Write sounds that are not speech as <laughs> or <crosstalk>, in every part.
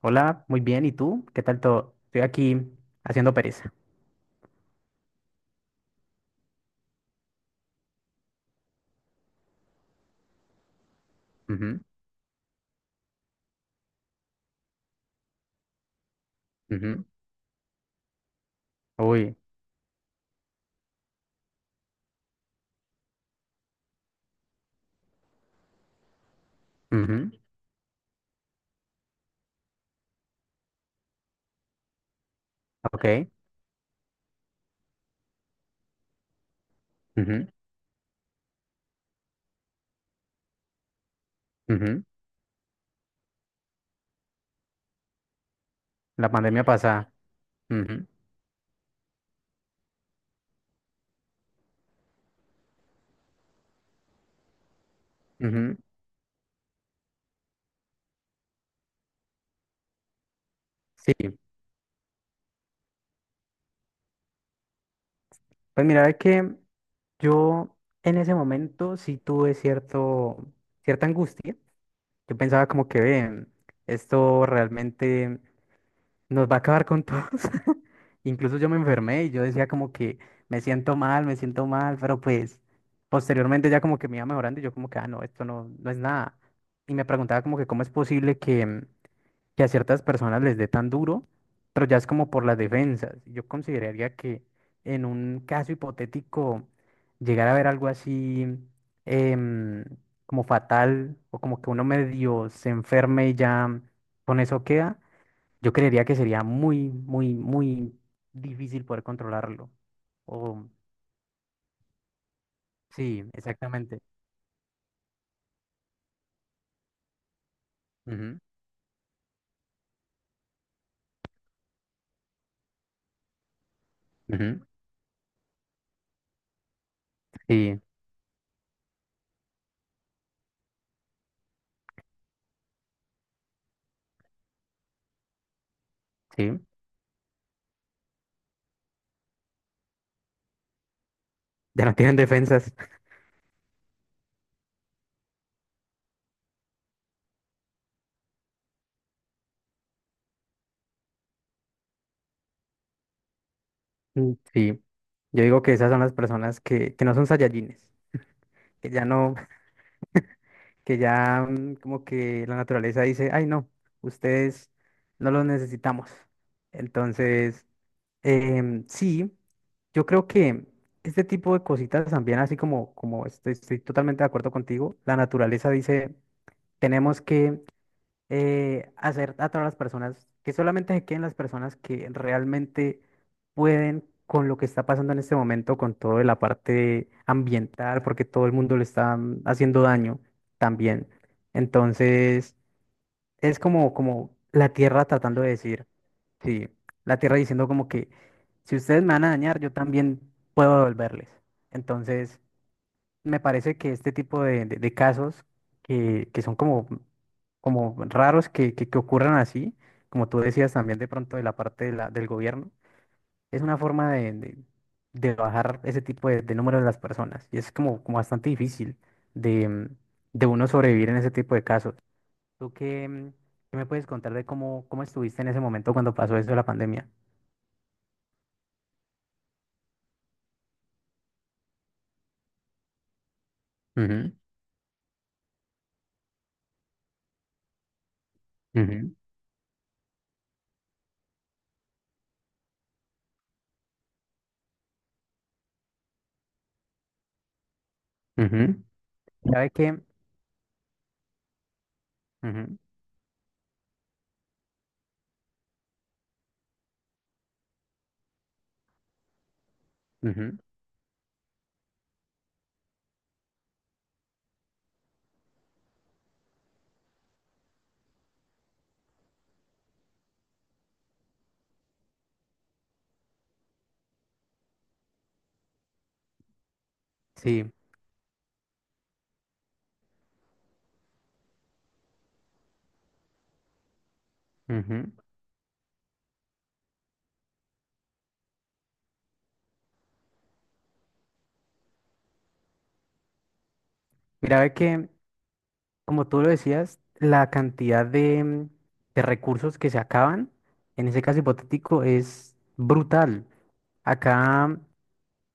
Hola, muy bien. ¿Y tú? ¿Qué tal todo? Estoy aquí haciendo pereza. Ujú, ujú. Uy, ujú, ok. Ujú, ujú. La pandemia pasa. Ujú, ujú. Sí, pues mira, es que yo en ese momento sí tuve cierto, cierta angustia. Yo pensaba como que, "Ven, esto realmente nos va a acabar con todos". <laughs> Incluso yo me enfermé y yo decía como que me siento mal, pero pues posteriormente ya como que me iba mejorando y yo como que, ah, no, esto no, no es nada. Y me preguntaba como que cómo es posible que a ciertas personas les dé tan duro, pero ya es como por las defensas. Yo consideraría que en un caso hipotético llegar a ver algo así em, como fatal, o como que uno medio se enferme y ya con eso queda. Yo creería que sería muy, muy, muy difícil poder controlarlo. O, sí, exactamente. Ujú, ujú, sí, sí. Ya no tienen defensas. Mm, sí. Yo digo que esas son las personas que no son Saiyajines, que ya no. <laughs> Que ya como que la naturaleza dice, ay no, ustedes no los necesitamos. Entonces, sí, yo creo que este tipo de cositas también, así como, como estoy totalmente de acuerdo contigo, la naturaleza dice, tenemos que hacer a todas las personas, que solamente se queden las personas que realmente pueden con lo que está pasando en este momento, con toda la parte ambiental, porque todo el mundo le está haciendo daño también. Entonces, es como, como la tierra tratando de decir. Sí, la tierra diciendo como que si ustedes me van a dañar, yo también puedo devolverles. Entonces, me parece que este tipo de, de casos que son como, como raros que, que ocurran así, como tú decías también de pronto de la parte de del gobierno, es una forma de, de bajar ese tipo de número de las personas. Y es como, como bastante difícil de, mm, de uno sobrevivir en ese tipo de casos. ¿Tú qué, qué me puedes contar de cómo, cómo estuviste en ese momento cuando pasó eso de la pandemia? Ujú, ujú, ujú. Mira, ve que, ujú, ujú, sí, ujú. Mira, ve que, como tú lo decías, la cantidad de, de recursos que se acaban, en ese caso hipotético, es brutal. Acá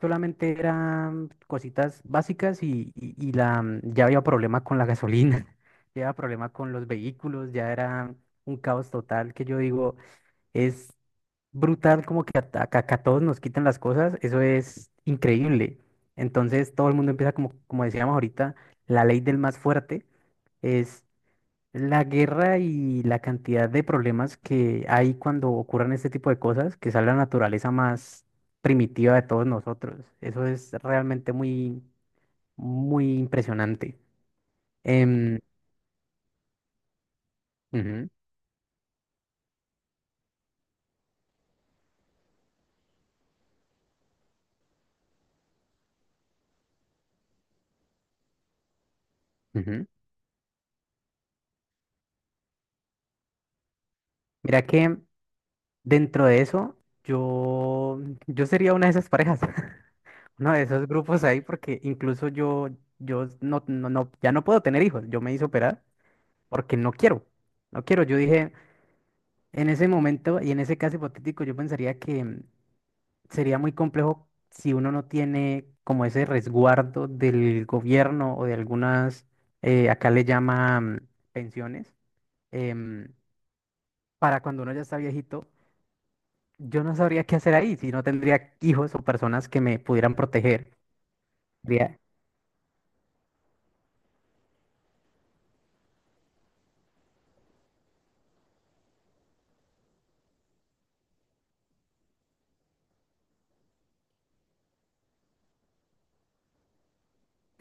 solamente eran cositas básicas y, y la, ya había problema con la gasolina, <laughs> ya había problema con los vehículos, ya era un caos total que yo digo, es brutal, como que a, que a todos nos quitan las cosas, eso es increíble. Entonces todo el mundo empieza como, como decíamos ahorita, la ley del más fuerte es la guerra, y la cantidad de problemas que hay cuando ocurren este tipo de cosas, que sale la naturaleza más primitiva de todos nosotros. Eso es realmente muy, muy impresionante. Em, ujú, ujú. Mira que dentro de eso, yo, yo sería una de esas parejas. <laughs> Uno de esos grupos ahí porque incluso yo no, no, no, ya no puedo tener hijos. Yo me hice operar porque no quiero. No quiero. Yo dije, en ese momento y en ese caso hipotético, yo pensaría que sería muy complejo si uno no tiene como ese resguardo del gobierno o de algunas, acá le llaman pensiones, em, para cuando uno ya está viejito. Yo no sabría qué hacer ahí si no tendría hijos o personas que me pudieran proteger. Diría,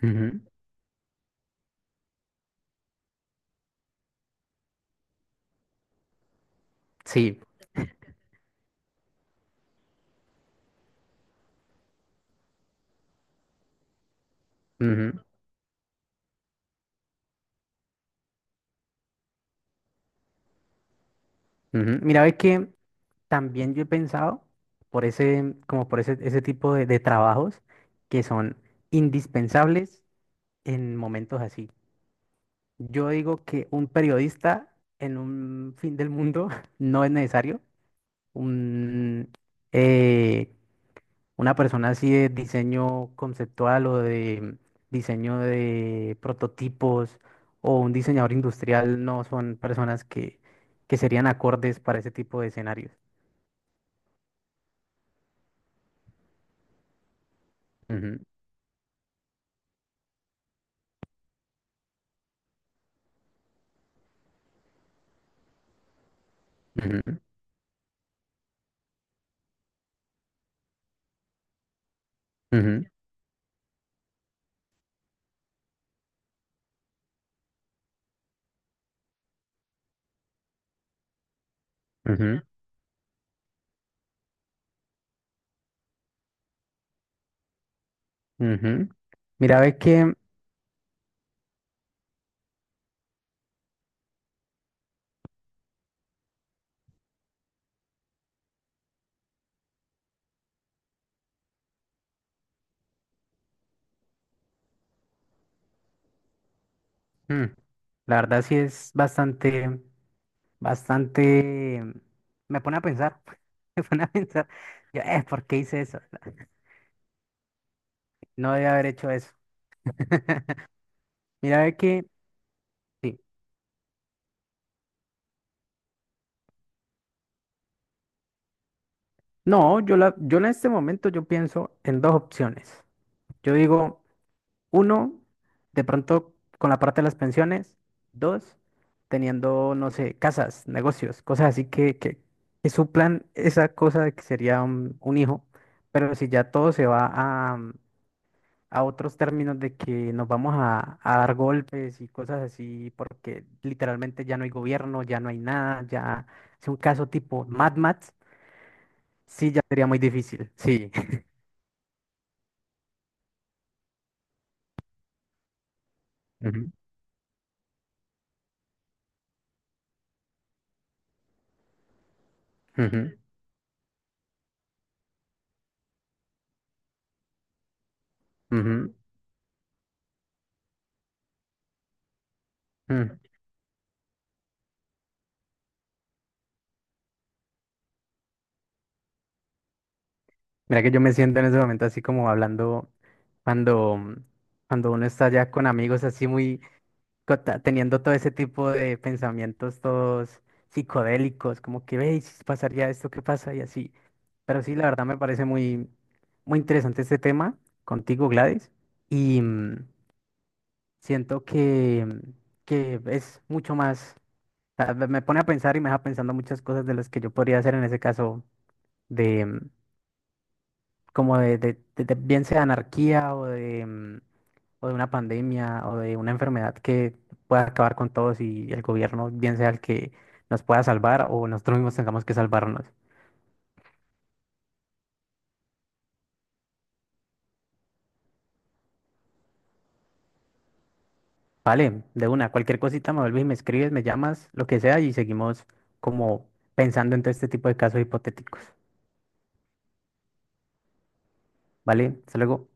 "Ujú, sí. Ujú". Ujú. Mira, ves que también yo he pensado por ese, como por ese tipo de trabajos que son indispensables en momentos así. Yo digo que un periodista en un fin del mundo <laughs> no es necesario. Un, eh, una persona así de diseño conceptual o de diseño de prototipos, o un diseñador industrial, no son personas que serían acordes para ese tipo de escenarios. Ujú. Ujú, ujú, ujú, ujú. Mira, ve que mm, la verdad sí es bastante, bastante, me pone a pensar. <laughs> Me pone a pensar, ¿por qué hice eso? No debía haber hecho eso. <laughs> Mira, ve que, sí. No, yo en este momento yo pienso en dos opciones. Yo digo, uno, de pronto con la parte de las pensiones. Dos, teniendo, no sé, casas, negocios, cosas así que, que suplan esa cosa de que sería un hijo. Pero si ya todo se va a, mm, a otros términos de que nos vamos a dar golpes y cosas así, porque literalmente ya no hay gobierno, ya no hay nada, ya es un caso tipo Mad Max, sí ya sería muy difícil. Sí. <laughs> Ujú, ujú, ujú, ujú. Mira que yo me siento en ese momento así como hablando cuando, cuando uno está ya con amigos así muy teniendo todo ese tipo de pensamientos todos psicodélicos, como que veis, si pasaría esto, ¿qué pasa? Y así. Pero sí, la verdad me parece muy, muy interesante este tema contigo, Gladys. Y siento que, que es mucho más, o sea, me pone a pensar y me deja pensando muchas cosas de las que yo podría hacer en ese caso como de, bien sea anarquía, o de, o de una pandemia, o de una enfermedad que pueda acabar con todos, y el gobierno bien sea el que nos pueda salvar, o nosotros mismos tengamos que salvarnos. Vale, de una, cualquier cosita me vuelves y me escribes, me llamas, lo que sea, y seguimos como pensando en todo este tipo de casos hipotéticos. Vale, hasta luego.